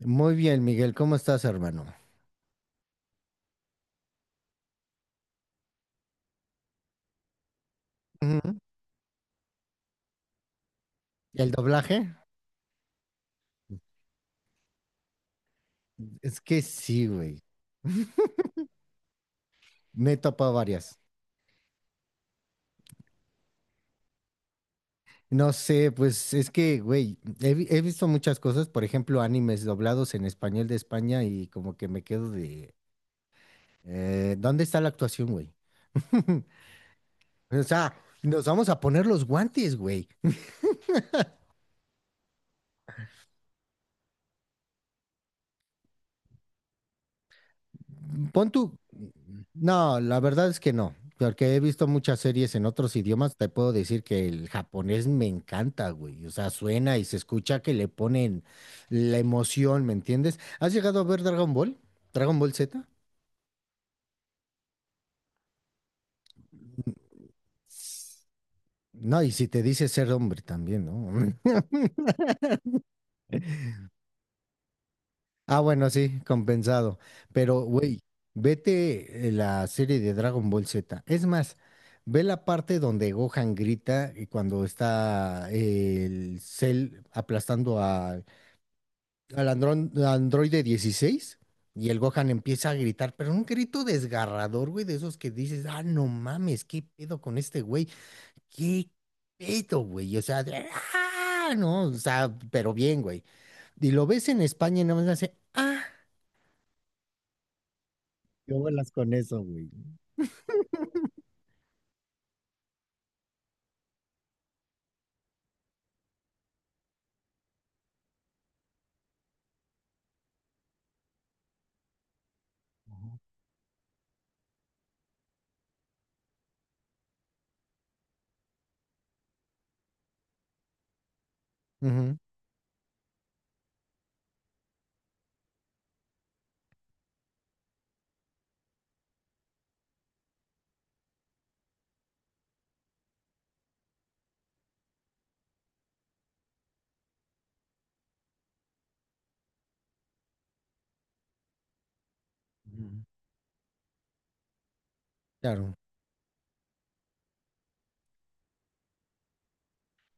Muy bien, Miguel, ¿cómo estás, hermano? Ujú. ¿El doblaje? Es que sí, güey. Me he topado varias. No sé, pues es que, güey, he visto muchas cosas, por ejemplo, animes doblados en español de España y como que me quedo de, ¿dónde está la actuación, güey? O sea, nos vamos a poner los guantes, güey. Pon tú. No, la verdad es que no. Porque he visto muchas series en otros idiomas. Te puedo decir que el japonés me encanta, güey. O sea, suena y se escucha que le ponen la emoción, ¿me entiendes? ¿Has llegado a ver Dragon Ball? ¿Dragon Ball Z? No, y si te dice ser hombre también, ¿no? Ah, bueno, sí, compensado. Pero, güey, vete la serie de Dragon Ball Z. Es más, ve la parte donde Gohan grita y cuando está el Cell aplastando al androide 16 y el Gohan empieza a gritar, pero un grito desgarrador, güey, de esos que dices, ah, no mames, ¿qué pedo con este güey? ¿Qué pedo, güey? O sea, de, "Ah", no, o sea, pero bien, güey. Y lo ves en España y nada más hace, "Ah, Yo bolas con eso, güey. Ujú, ujú, claro.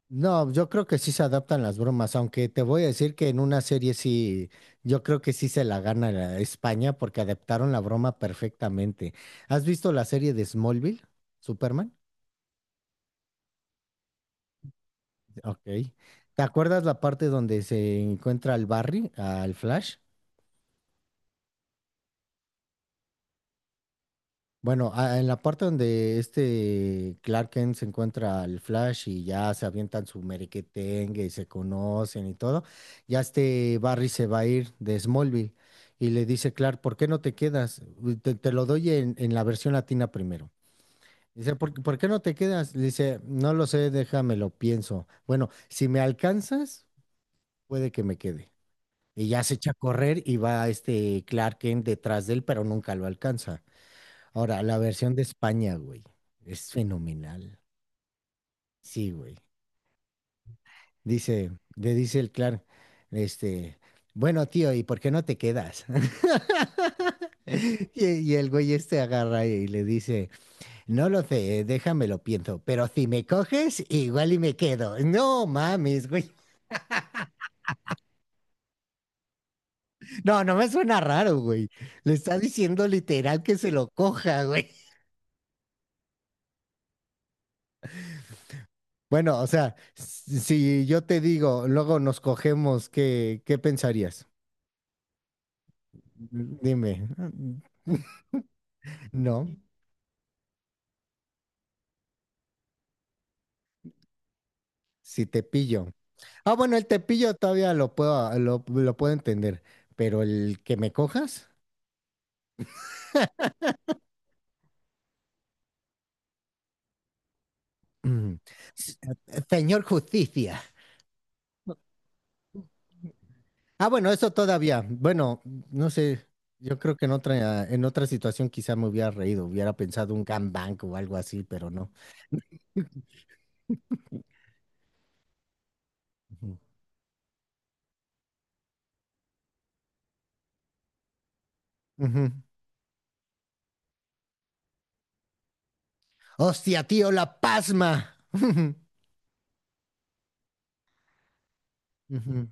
No, yo creo que sí se adaptan las bromas, aunque te voy a decir que en una serie sí, yo creo que sí se la gana la España porque adaptaron la broma perfectamente. ¿Has visto la serie de Smallville, Superman? Ok. ¿Te acuerdas la parte donde se encuentra al Barry, al Flash? Bueno, en la parte donde este Clark Kent se encuentra al Flash y ya se avientan su merequetengue y se conocen y todo, ya este Barry se va a ir de Smallville y le dice Clark, ¿por qué no te quedas? Uy, Te lo doy en la versión latina primero. Dice, ¿ por qué no te quedas? Le dice, no lo sé, déjame lo pienso. Bueno, si me alcanzas, puede que me quede. Y ya se echa a correr y va este Clark Kent detrás de él, pero nunca lo alcanza. Ahora, la versión de España, güey, es fenomenal. Sí, güey. Dice, le dice el Clark, este, bueno, tío, ¿y por qué no te quedas? Y, y el güey este agarra y le dice, no lo sé, déjame lo pienso, pero si me coges, igual y me quedo. No mames, güey. No, no me suena raro, güey. Le está diciendo literal que se lo coja, güey. Bueno, o sea, si yo te digo, luego nos cogemos, ¿qué pensarías? Dime, no, si te pillo. Ah, bueno, el tepillo todavía lo puedo, lo puedo entender, pero el que me cojas, mm, s- señor justicia. Ah, bueno, eso todavía. Bueno, no sé, yo creo que en otra situación quizá me hubiera reído, hubiera pensado un gangbang o algo así, pero no. Ujú. Ujú. Hostia, tío, la pasma. Ujú.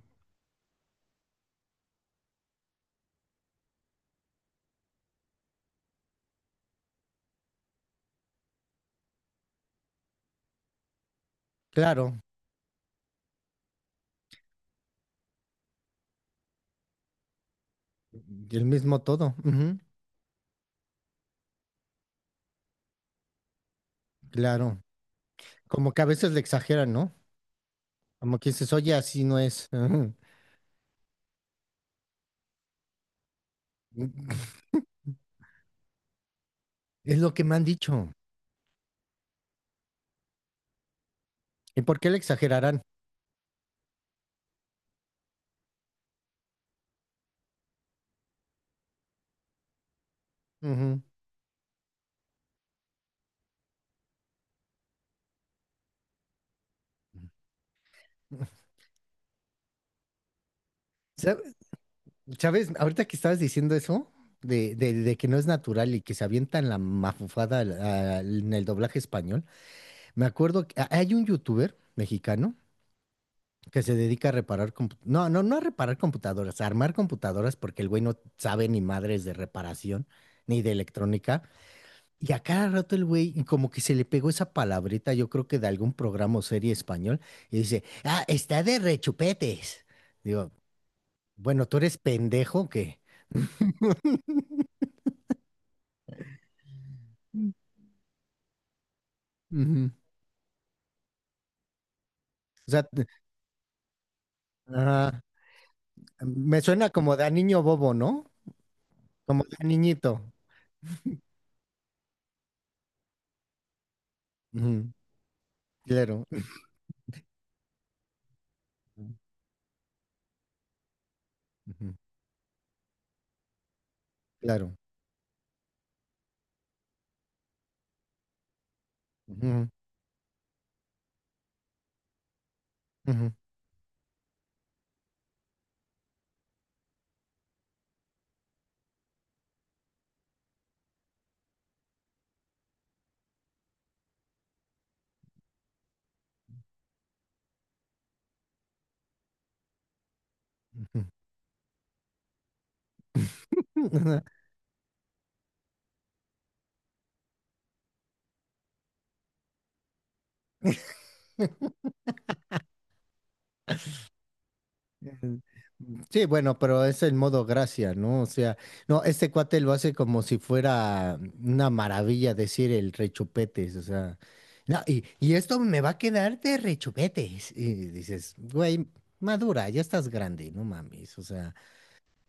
Claro, y el mismo todo. Ujú. Claro. Como que a veces le exageran, ¿no? Como que dices, oye, así no es. Ujú. Es lo que me han dicho. ¿Y por qué le exagerarán? Ujú. Sa- ¿Sabes? Ahorita que estabas diciendo eso, de que no es natural y que se avientan la mafufada en el doblaje español, me acuerdo que hay un youtuber mexicano que se dedica a reparar no, no, no a reparar computadoras, a armar computadoras porque el güey no sabe ni madres de reparación ni de electrónica. Y a cada rato el güey y como que se le pegó esa palabrita, yo creo que de algún programa o serie español, y dice, ah, está de rechupetes. Digo, bueno, tú eres pendejo que... O sea, ah, me suena como de a niño bobo, ¿no? Como de a niñito. Ujú. Claro. Ujú. Claro. Ujú, ujú, ujú. Mm, sí, bueno, pero es el modo gracia, ¿no? O sea, no, este cuate lo hace como si fuera una maravilla decir el rechupetes, o sea, no, y esto me va a quedar de rechupetes. Y dices, güey, madura, ya estás grande, no mames, o sea,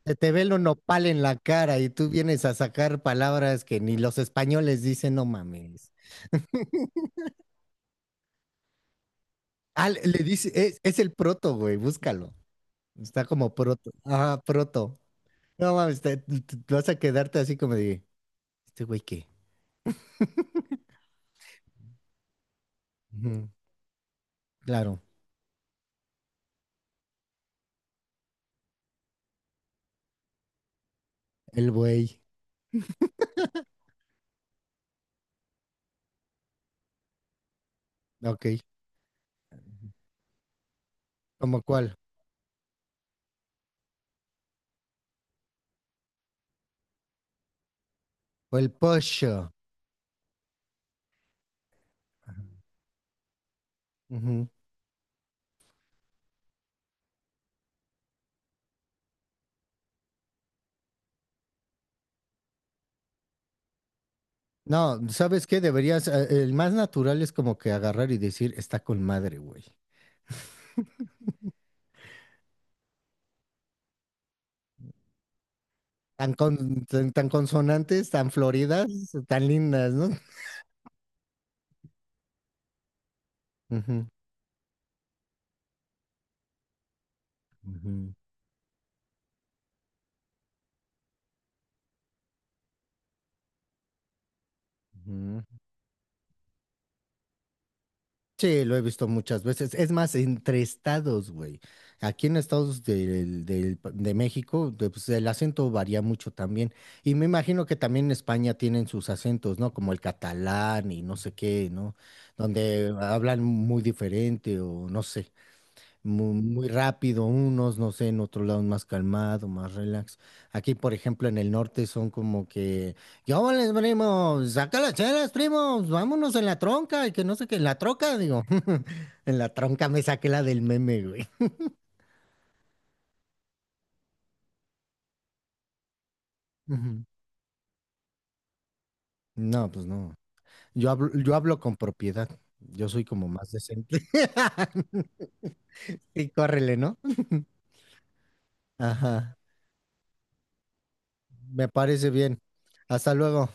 se te ve el nopal en la cara y tú vienes a sacar palabras que ni los españoles dicen, no mames. Ah, le dice, es el proto, güey, búscalo. Está como proto. Ajá, proto. No mames, te vas a quedarte así como de, ¿este güey qué? Ujú. Claro, el güey, ok, ¿como cuál? O el pollo. Ujú. No, ¿sabes qué? Deberías, el más natural es como que agarrar y decir, está con madre, güey. Tan, tan, tan consonantes, tan floridas, tan lindas, ¿no? Ujú, ujú, ujú. Sí, lo he visto muchas veces. Es más, entre estados, güey. Aquí en estados de México, pues, el acento varía mucho también. Y me imagino que también en España tienen sus acentos, ¿no? Como el catalán y no sé qué, ¿no? Donde hablan muy diferente o no sé muy, rápido unos, no sé, en otro lado más calmado, más relax. Aquí, por ejemplo, en el norte son como que, ¿qué les primos? Saca las chelas, primos, vámonos en la tronca, y que no sé qué, en la troca, digo, en la tronca me saqué la del meme, güey. Ujú. No, pues no. Yo hablo con propiedad. Yo soy como más decente. Y córrele, ¿no? Ajá. Me parece bien. Hasta luego.